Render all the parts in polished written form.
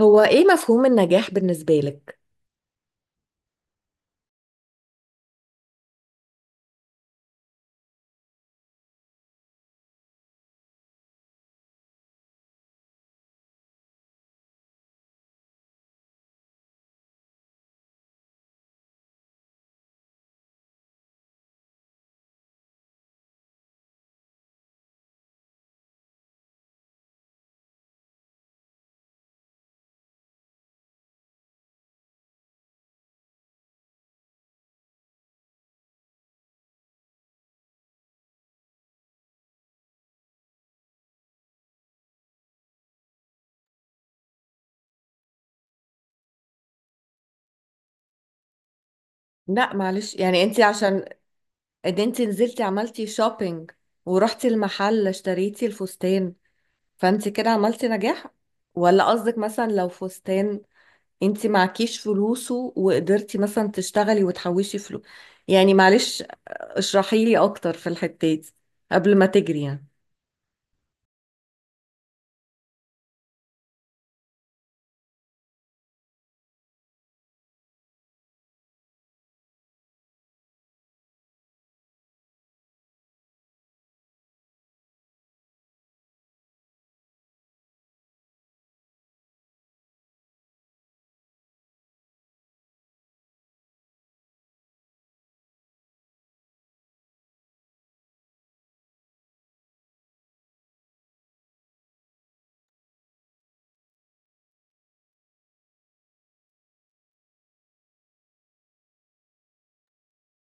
هو ايه مفهوم النجاح بالنسبة لك؟ لا معلش يعني انت عشان ده انت نزلتي عملتي شوبينج ورحتي المحل اشتريتي الفستان، فانت كده عملتي نجاح؟ ولا قصدك مثلا لو فستان انت معكيش فلوسه وقدرتي مثلا تشتغلي وتحوشي فلوس؟ يعني معلش اشرحي لي اكتر في الحتة دي قبل ما تجري يعني.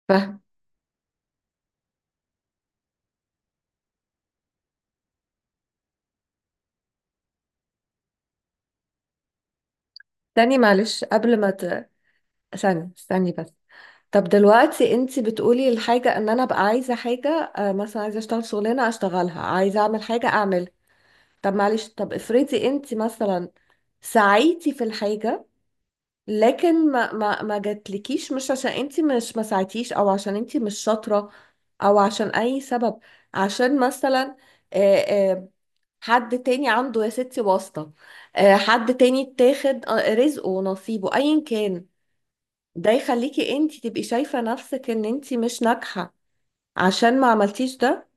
فاهم. تاني معلش قبل ما ت... ثانية استني بس. طب دلوقتي انت بتقولي الحاجة ان انا ابقى عايزة حاجة، مثلا عايزة اشتغل شغلانة اشتغلها، عايزة اعمل حاجة اعملها. طب معلش طب افرضي انت مثلا سعيتي في الحاجة لكن ما جاتلكيش، مش عشان انت مش ما سعيتيش او عشان انت مش شاطرة او عشان اي سبب، عشان مثلا، آه، آه، حد تاني عنده يا ستي واسطة، حد تاني اتاخد، رزقه ونصيبه ايا كان. ده يخليكي انت تبقي شايفة نفسك ان انت مش ناجحة عشان ما عملتيش ده؟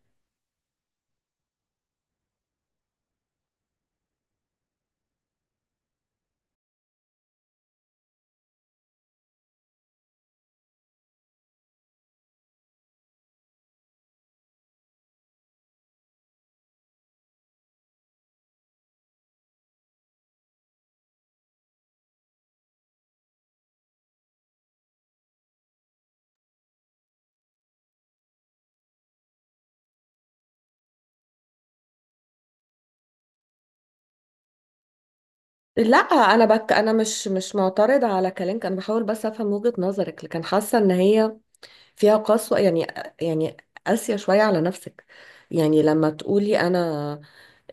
لا انا انا مش معترضه على كلامك، انا بحاول بس افهم وجهه نظرك، لكن حاسه ان هي فيها قسوه يعني. يعني قاسيه شويه على نفسك. يعني لما تقولي انا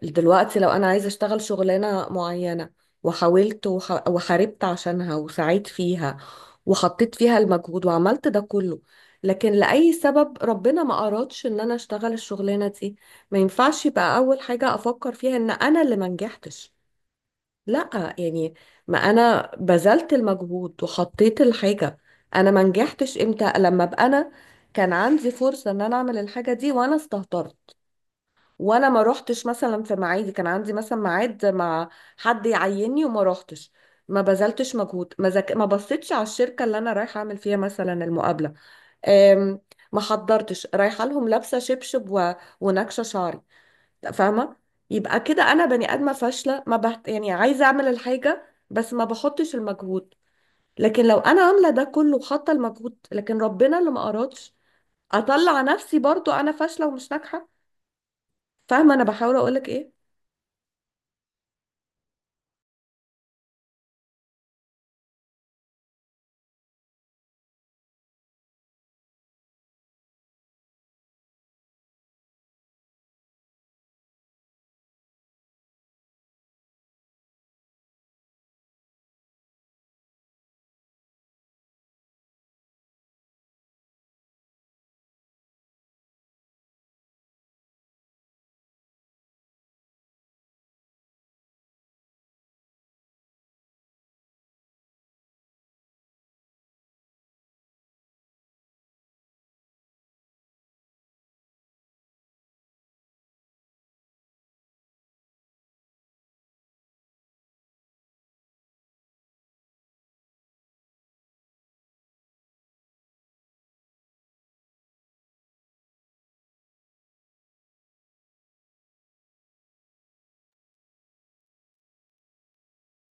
دلوقتي لو انا عايزه اشتغل شغلانه معينه وحاولت وحاربت عشانها وسعيت فيها وحطيت فيها المجهود وعملت ده كله، لكن لأي سبب ربنا ما أرادش إن أنا أشتغل الشغلانة دي، ما ينفعش يبقى أول حاجة أفكر فيها إن أنا اللي ما نجحتش. لا يعني، ما انا بذلت المجهود وحطيت الحاجة. انا ما نجحتش امتى؟ لما ابقى انا كان عندي فرصة ان انا اعمل الحاجة دي وانا استهترت، وانا ما روحتش مثلا في ميعادي، كان عندي مثلا ميعاد مع حد يعيني وما روحتش، ما بذلتش مجهود، ما بصيتش على الشركة اللي انا رايحة اعمل فيها مثلا المقابلة، أم... ما حضرتش رايحة لهم لابسة شبشب ونكشة شعري. فاهمه؟ يبقى كده انا بني ادمه فاشله، ما بحت... يعني عايزه اعمل الحاجه بس ما بحطش المجهود. لكن لو انا عامله ده كله وحاطه المجهود لكن ربنا اللي ما ارادش، اطلع نفسي برضو انا فاشله ومش ناجحه؟ فاهمه انا بحاول اقولك ايه؟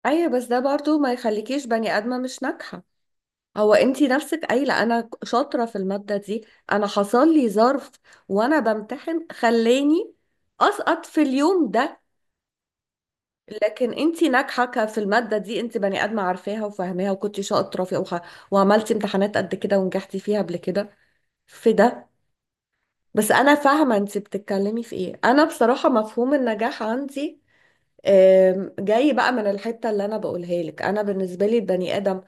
ايوه بس ده برضو ما يخليكيش بني ادمه مش ناجحه. هو انتي نفسك قايله انا شاطره في الماده دي، انا حصل لي ظرف وانا بمتحن خلاني اسقط في اليوم ده. لكن انت ناجحه في الماده دي، انت بني ادمه عارفاها وفاهماها وكنت شاطره فيها، وعملتي امتحانات قد كده ونجحتي فيها قبل كده في ده. بس انا فاهمه انت بتتكلمي في ايه. انا بصراحه مفهوم النجاح عندي، جاي بقى من الحته اللي انا بقولها لك. انا بالنسبه لي البني ادم،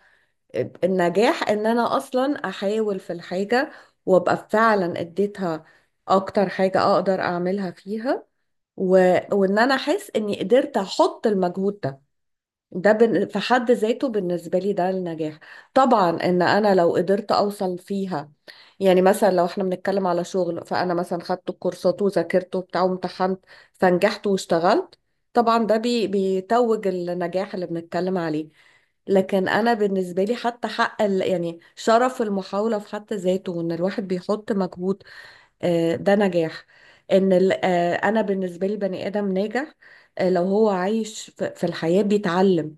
النجاح ان انا اصلا احاول في الحاجه وابقى فعلا اديتها اكتر حاجه اقدر اعملها فيها، و... وان انا احس اني قدرت احط المجهود ده. في حد ذاته بالنسبة لي ده النجاح. طبعا ان انا لو قدرت اوصل فيها، يعني مثلا لو احنا بنتكلم على شغل، فانا مثلا خدت الكورسات وذاكرت وبتاع وامتحنت فنجحت واشتغلت، طبعا ده بيتوج النجاح اللي بنتكلم عليه. لكن انا بالنسبة لي حتى حق يعني شرف المحاولة في حد ذاته، وان الواحد بيحط مجهود، ده نجاح. ان انا بالنسبة لي بني ادم ناجح لو هو عايش في الحياة بيتعلم،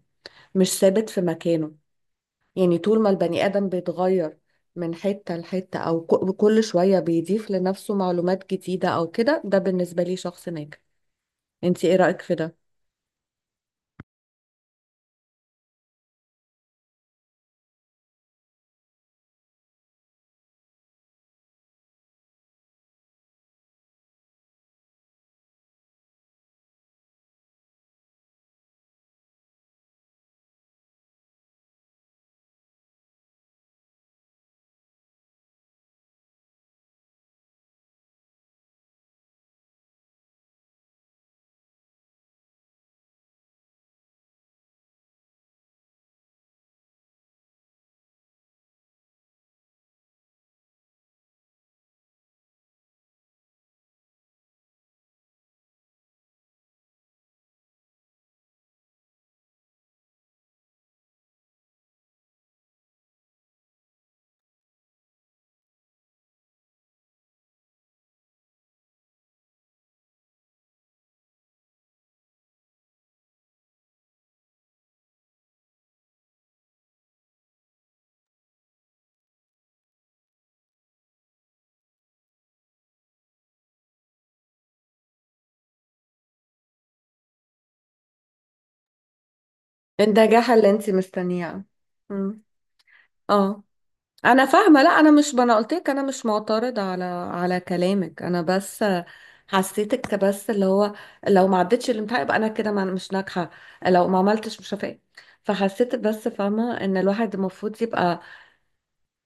مش ثابت في مكانه. يعني طول ما البني آدم بيتغير من حتة لحتة، أو كل شوية بيضيف لنفسه معلومات جديدة أو كده، ده بالنسبة لي شخص ناجح. انت ايه رأيك في ده؟ النجاح اللي انت مستنياه. مم. اه، انا فاهمة. لا انا مش، ما انا قلت لك انا مش معترضة على على كلامك، انا بس حسيتك بس اللي هو لو ما عدتش الامتحان يبقى انا كده مش ناجحة، لو ما عملتش مش هفاق. فحسيت بس فاهمة ان الواحد المفروض يبقى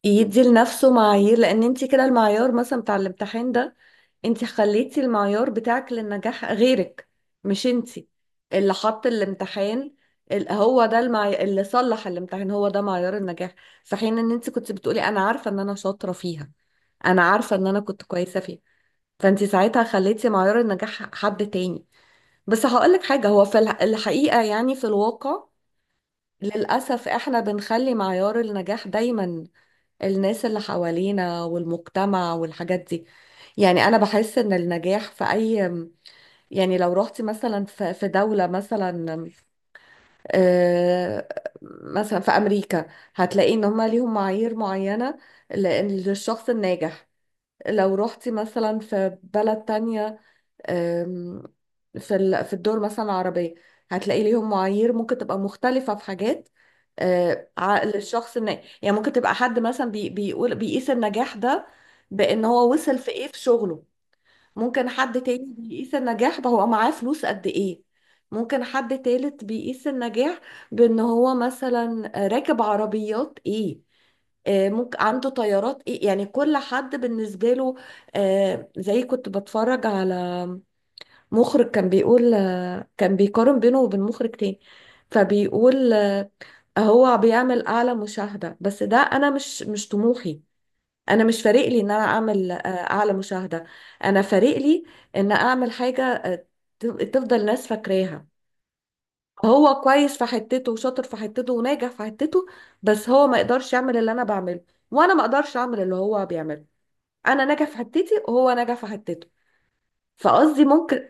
يدي لنفسه معايير، لان انت كده المعيار مثلا بتاع الامتحان ده، انت خليتي المعيار بتاعك للنجاح غيرك، مش انت اللي حط الامتحان. هو ده اللي صلح الامتحان هو ده معيار النجاح، في حين ان انت كنت بتقولي انا عارفه ان انا شاطره فيها، انا عارفه ان انا كنت كويسه فيها. فانت ساعتها خليتي معيار النجاح حد تاني. بس هقولك حاجه، هو في الحقيقه يعني في الواقع للاسف احنا بنخلي معيار النجاح دايما الناس اللي حوالينا والمجتمع والحاجات دي. يعني انا بحس ان النجاح في اي، يعني لو رحتي مثلا في دولة مثلا، آه، مثلا في امريكا، هتلاقي ان هما ليهم معايير معينة لأن- للشخص الناجح. لو رحتي مثلا في بلد تانية، آم، في في الدول مثلا العربية، هتلاقي ليهم معايير ممكن تبقى مختلفة في حاجات، عقل الشخص يعني ممكن تبقى حد مثلا بيقول بيقيس النجاح ده بأن هو وصل في ايه في شغله. ممكن حد تاني بيقيس النجاح بهو معاه فلوس قد ايه. ممكن حد تالت بيقيس النجاح بأن هو مثلا راكب عربيات ايه، ممكن عنده طيارات ايه. يعني كل حد بالنسبة له، زي كنت بتفرج على مخرج كان بيقول، كان بيقارن بينه وبين مخرج تاني، فبيقول هو بيعمل اعلى مشاهدة، بس ده انا مش طموحي. انا مش فارق لي ان انا اعمل اعلى مشاهدة، انا فارق لي ان اعمل حاجة، تفضل الناس فاكراها. هو كويس في حتته وشاطر في حتته وناجح في حتته، بس هو ما يقدرش يعمل اللي انا بعمله وانا ما اقدرش اعمل اللي هو بيعمله. انا ناجح في حتتي وهو ناجح في حتته. فقصدي ممكن.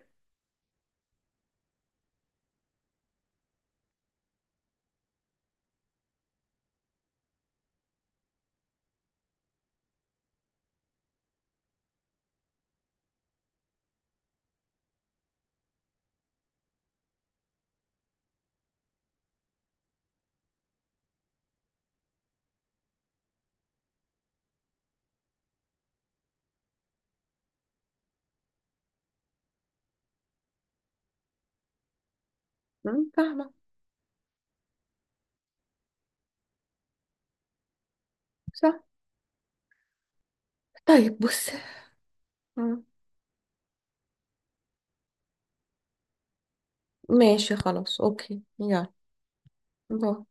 مم، فاهمة. صح. طيب بص. مم. ماشي خلاص، اوكي، يلا، باي.